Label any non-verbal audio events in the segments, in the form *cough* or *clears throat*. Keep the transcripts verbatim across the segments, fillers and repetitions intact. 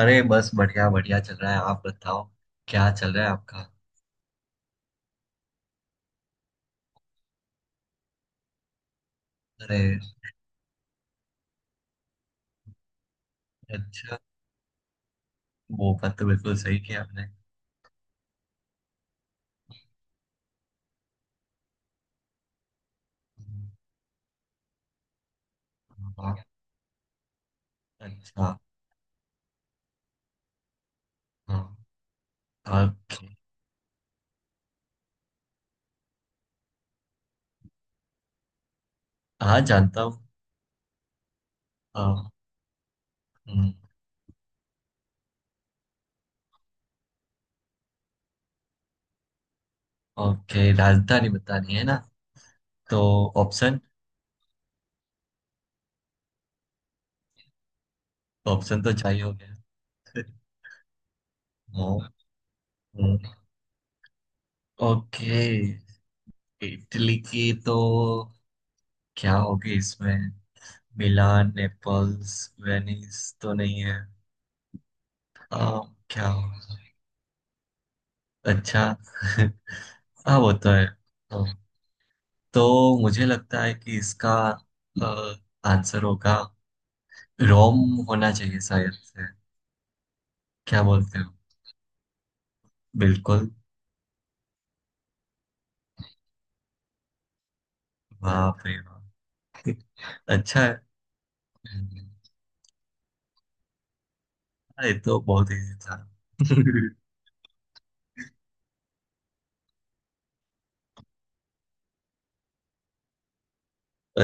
अरे बस बढ़िया बढ़िया चल रहा है। आप बताओ, क्या चल रहा है आपका। अरे, अच्छा, वो बात तो बिल्कुल सही किया आपने। हाँ, अच्छा। हाँ। हाँ। हाँ, जानता हूँ। हाँ, हम्म, ओके, राजधानी बतानी है ना। तो ऑप्शन, ऑप्शन तो चाहिए। हो गया। *laughs* हाँ, हम्म, ओके। इटली की तो क्या होगी इसमें। मिलान, नेपल्स, वेनिस तो नहीं है। आ, क्या होगा। अच्छा। *laughs* हाँ वो तो है। हाँ। तो मुझे लगता है कि इसका अ, आंसर होगा रोम। होना चाहिए शायद से। क्या बोलते हो, बिल्कुल। वाह भाई वाह। *laughs* अच्छा है। हम्म, हाँ, ये तो बहुत इजी था। *laughs*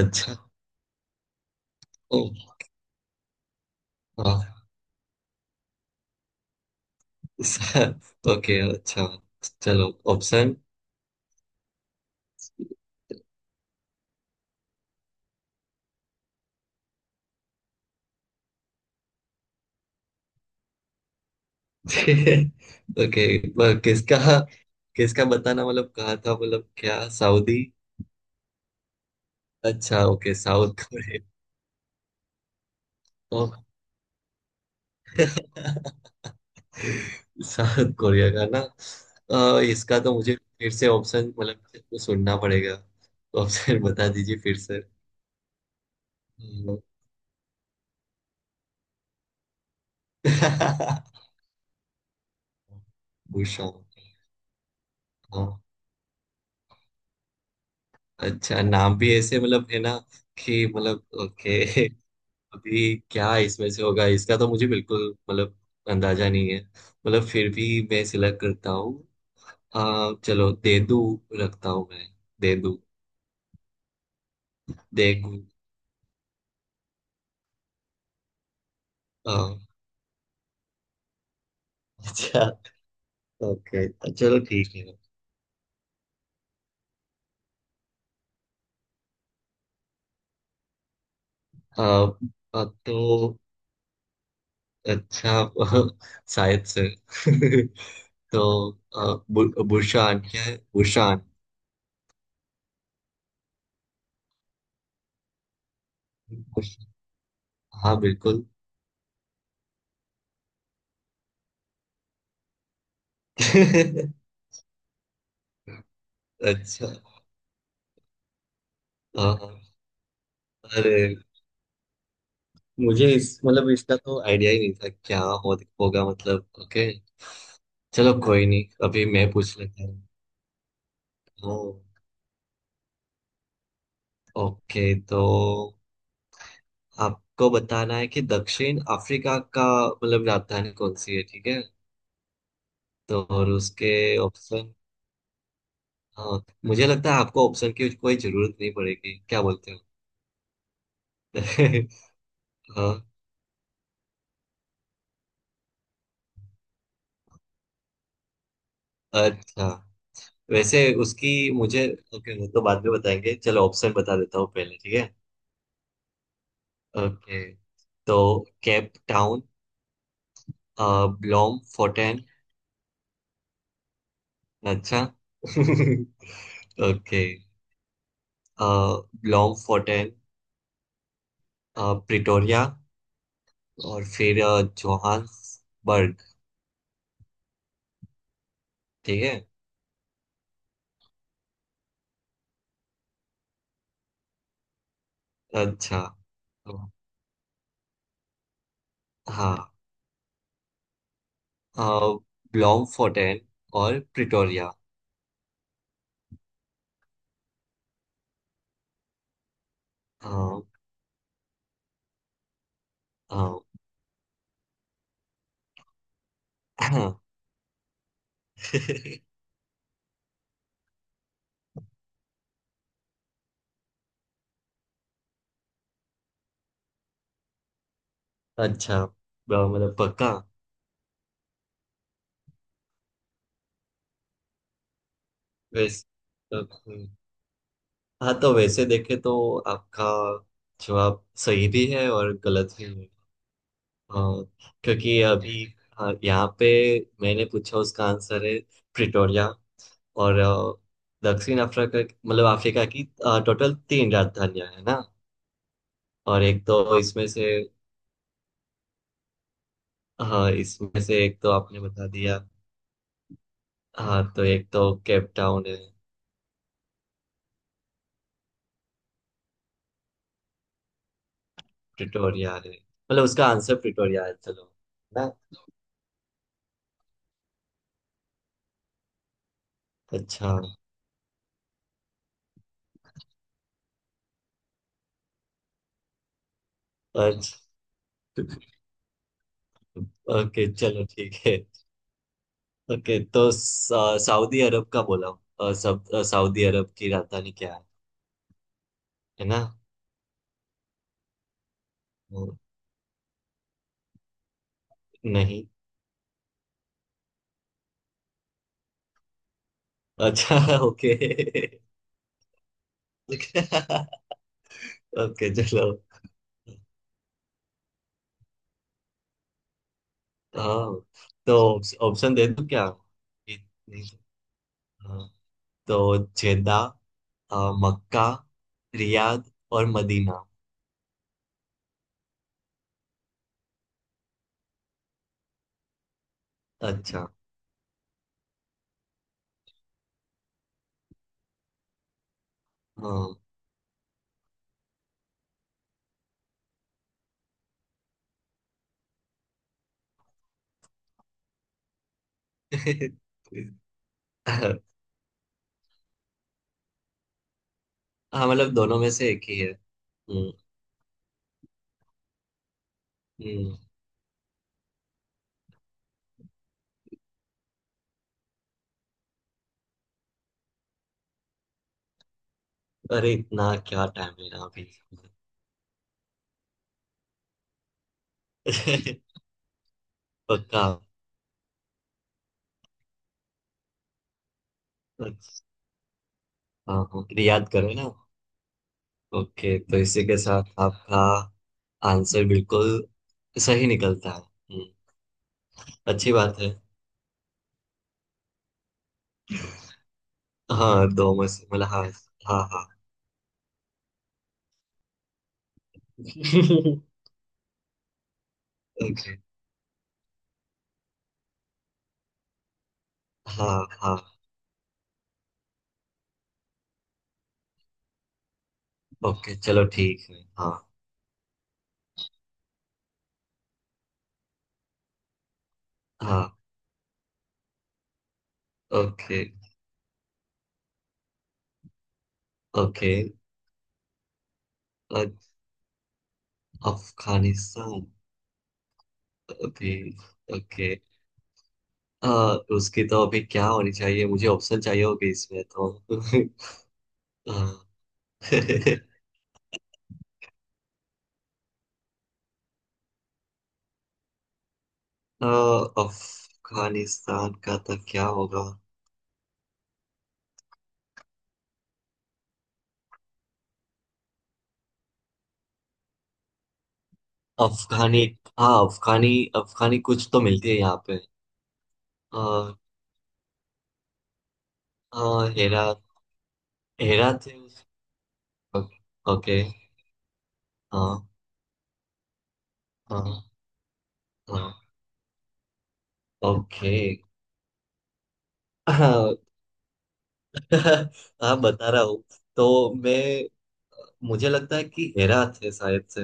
अच्छा। ओ, वाह। *laughs* ओके, अच्छा, चलो ऑप्शन। *laughs* ओके। किसका, किसका बताना, मतलब कहा था, मतलब क्या सऊदी। अच्छा, okay, South Korea. South Korea का ना। अ, इसका तो मुझे फिर से ऑप्शन, मतलब मेरे को सुनना पड़ेगा, तो ऑप्शन बता दीजिए फिर से। हम्म। *laughs* बुशोंग। हाँ, अच्छा नाम भी ऐसे मतलब, है ना कि, मतलब ओके। *laughs* अभी क्या इसमें से होगा, इसका तो मुझे बिल्कुल मतलब अंदाजा नहीं है, मतलब फिर भी मैं सिलेक्ट करता हूँ। अ, चलो देदू रखता हूँ मैं। देदू, देखू। अ, *laughs* अच्छा, ओके, चलो ठीक है। अ, अ, तो अच्छा। *laughs* शायद से। *laughs* तो अ, बु- बुशान क्या है, बुशान। बुश- हाँ बिल्कुल। *laughs* अच्छा। हाँ, हाँ। अरे, मुझे इस मतलब, इसका तो आइडिया ही नहीं था क्या हो, होगा, मतलब ओके। चलो कोई नहीं, अभी मैं पूछ लेता हूँ। ओ, ओके, तो आपको बताना है कि दक्षिण अफ्रीका का मतलब राजधानी कौन सी है, ठीक है। तो और उसके ऑप्शन। हाँ, मुझे लगता है आपको ऑप्शन की कोई जरूरत नहीं पड़ेगी, क्या बोलते हो। *laughs* हाँ, अच्छा, वैसे उसकी मुझे, ओके वो तो बाद में बताएंगे, चलो ऑप्शन बता देता हूँ पहले, ठीक है। ओके, तो केप टाउन, ब्लॉम फोर्टेन। अच्छा। *laughs* ओके, ब्लॉम फोर्टेन, प्रिटोरिया, और फिर अ, जोहान्सबर्ग। ठीक है। अच्छा। तो हाँ, ब्लॉम फोर्टेन और प्रिटोरिया। हाँ। हाँ। *clears throat* हाँ। *laughs* अच्छा। ब- मतलब पक्का। वैसे हम्म, हाँ तो वैसे देखे तो आपका जवाब सही भी है और गलत भी है। हाँ, क्योंकि अभी, हाँ, यहाँ पे मैंने पूछा उसका आंसर है प्रिटोरिया। और अ, दक्षिण अफ्रीका, मतलब अफ्रीका की टोटल तीन राजधानियां है ना। और एक तो इसमें से, हाँ इसमें से एक तो आपने बता दिया। हाँ, तो एक तो केप टाउन है, प्रिटोरिया है, मतलब उसका आंसर प्रिटोरिया है। चलो ना। अच्छा। अच्छा, ओके, चलो ठीक है। ओके तो सा- सऊदी अरब का बोला, अ, सब अ, सऊदी अरब की राजधानी क्या है। है ना। वो- नहीं। अच्छा। *laughs* ओके। ओके, चलो। हाँ। तो ऑप्शन दे दूं क्या। नहीं, हाँ, तो जेदा, अ, मक्का, रियाद और मदीना। अच्छा। हाँ। *laughs* हाँ, मतलब दोनों में से एक ही है। हम्म। हम्म। अरे इतना क्या टाइम है ना अभी। *laughs* पक्का। अच्छा, हाँ हाँ, याद करो ना। ओके, तो इसी के साथ आपका आंसर बिल्कुल सही निकलता है। हम्म, अच्छी बात है। हाँ, दो में से मतलब हाँ। हाँ हाँ। *laughs* ओके। हाँ हाँ। ओके, चलो ठीक है, हाँ। हाँ। ओके। ओके। अफगानिस्तान। अभी, ओके, अ, उसकी तो अभी क्या होनी चाहिए, मुझे ऑप्शन चाहिए होगी इसमें तो। *laughs* अ, अफगानिस्तान का तो क्या होगा। अफगानी। हाँ, अफगानी। अफगानी कुछ तो मिलती है यहाँ पे। अ, अ, हेरा। हेरा थे उस- ओ- ओके। हाँ। हाँ। हाँ। ओके। हाँ। *laughs* हाँ, बता रहा हूँ। तो मैं, मुझे लगता है कि हेरा थे शायद से।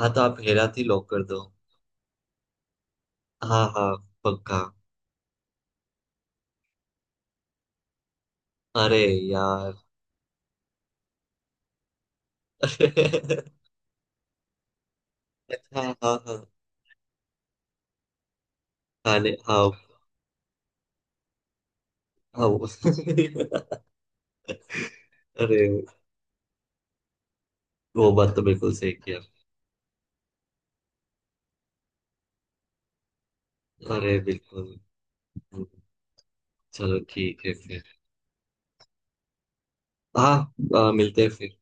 हाँ तो आप हेरा थी लॉक कर दो। हाँ हाँ, पक्का। अरे यार। *laughs* अच्छा। हाँ हाँ, खाने, हाँ। हाँ वो- *laughs* अरे, वो बात तो बिल्कुल सही किया। अरे बिल्कुल। चलो ठीक है फिर। हाँ, आ, मिलते हैं फिर।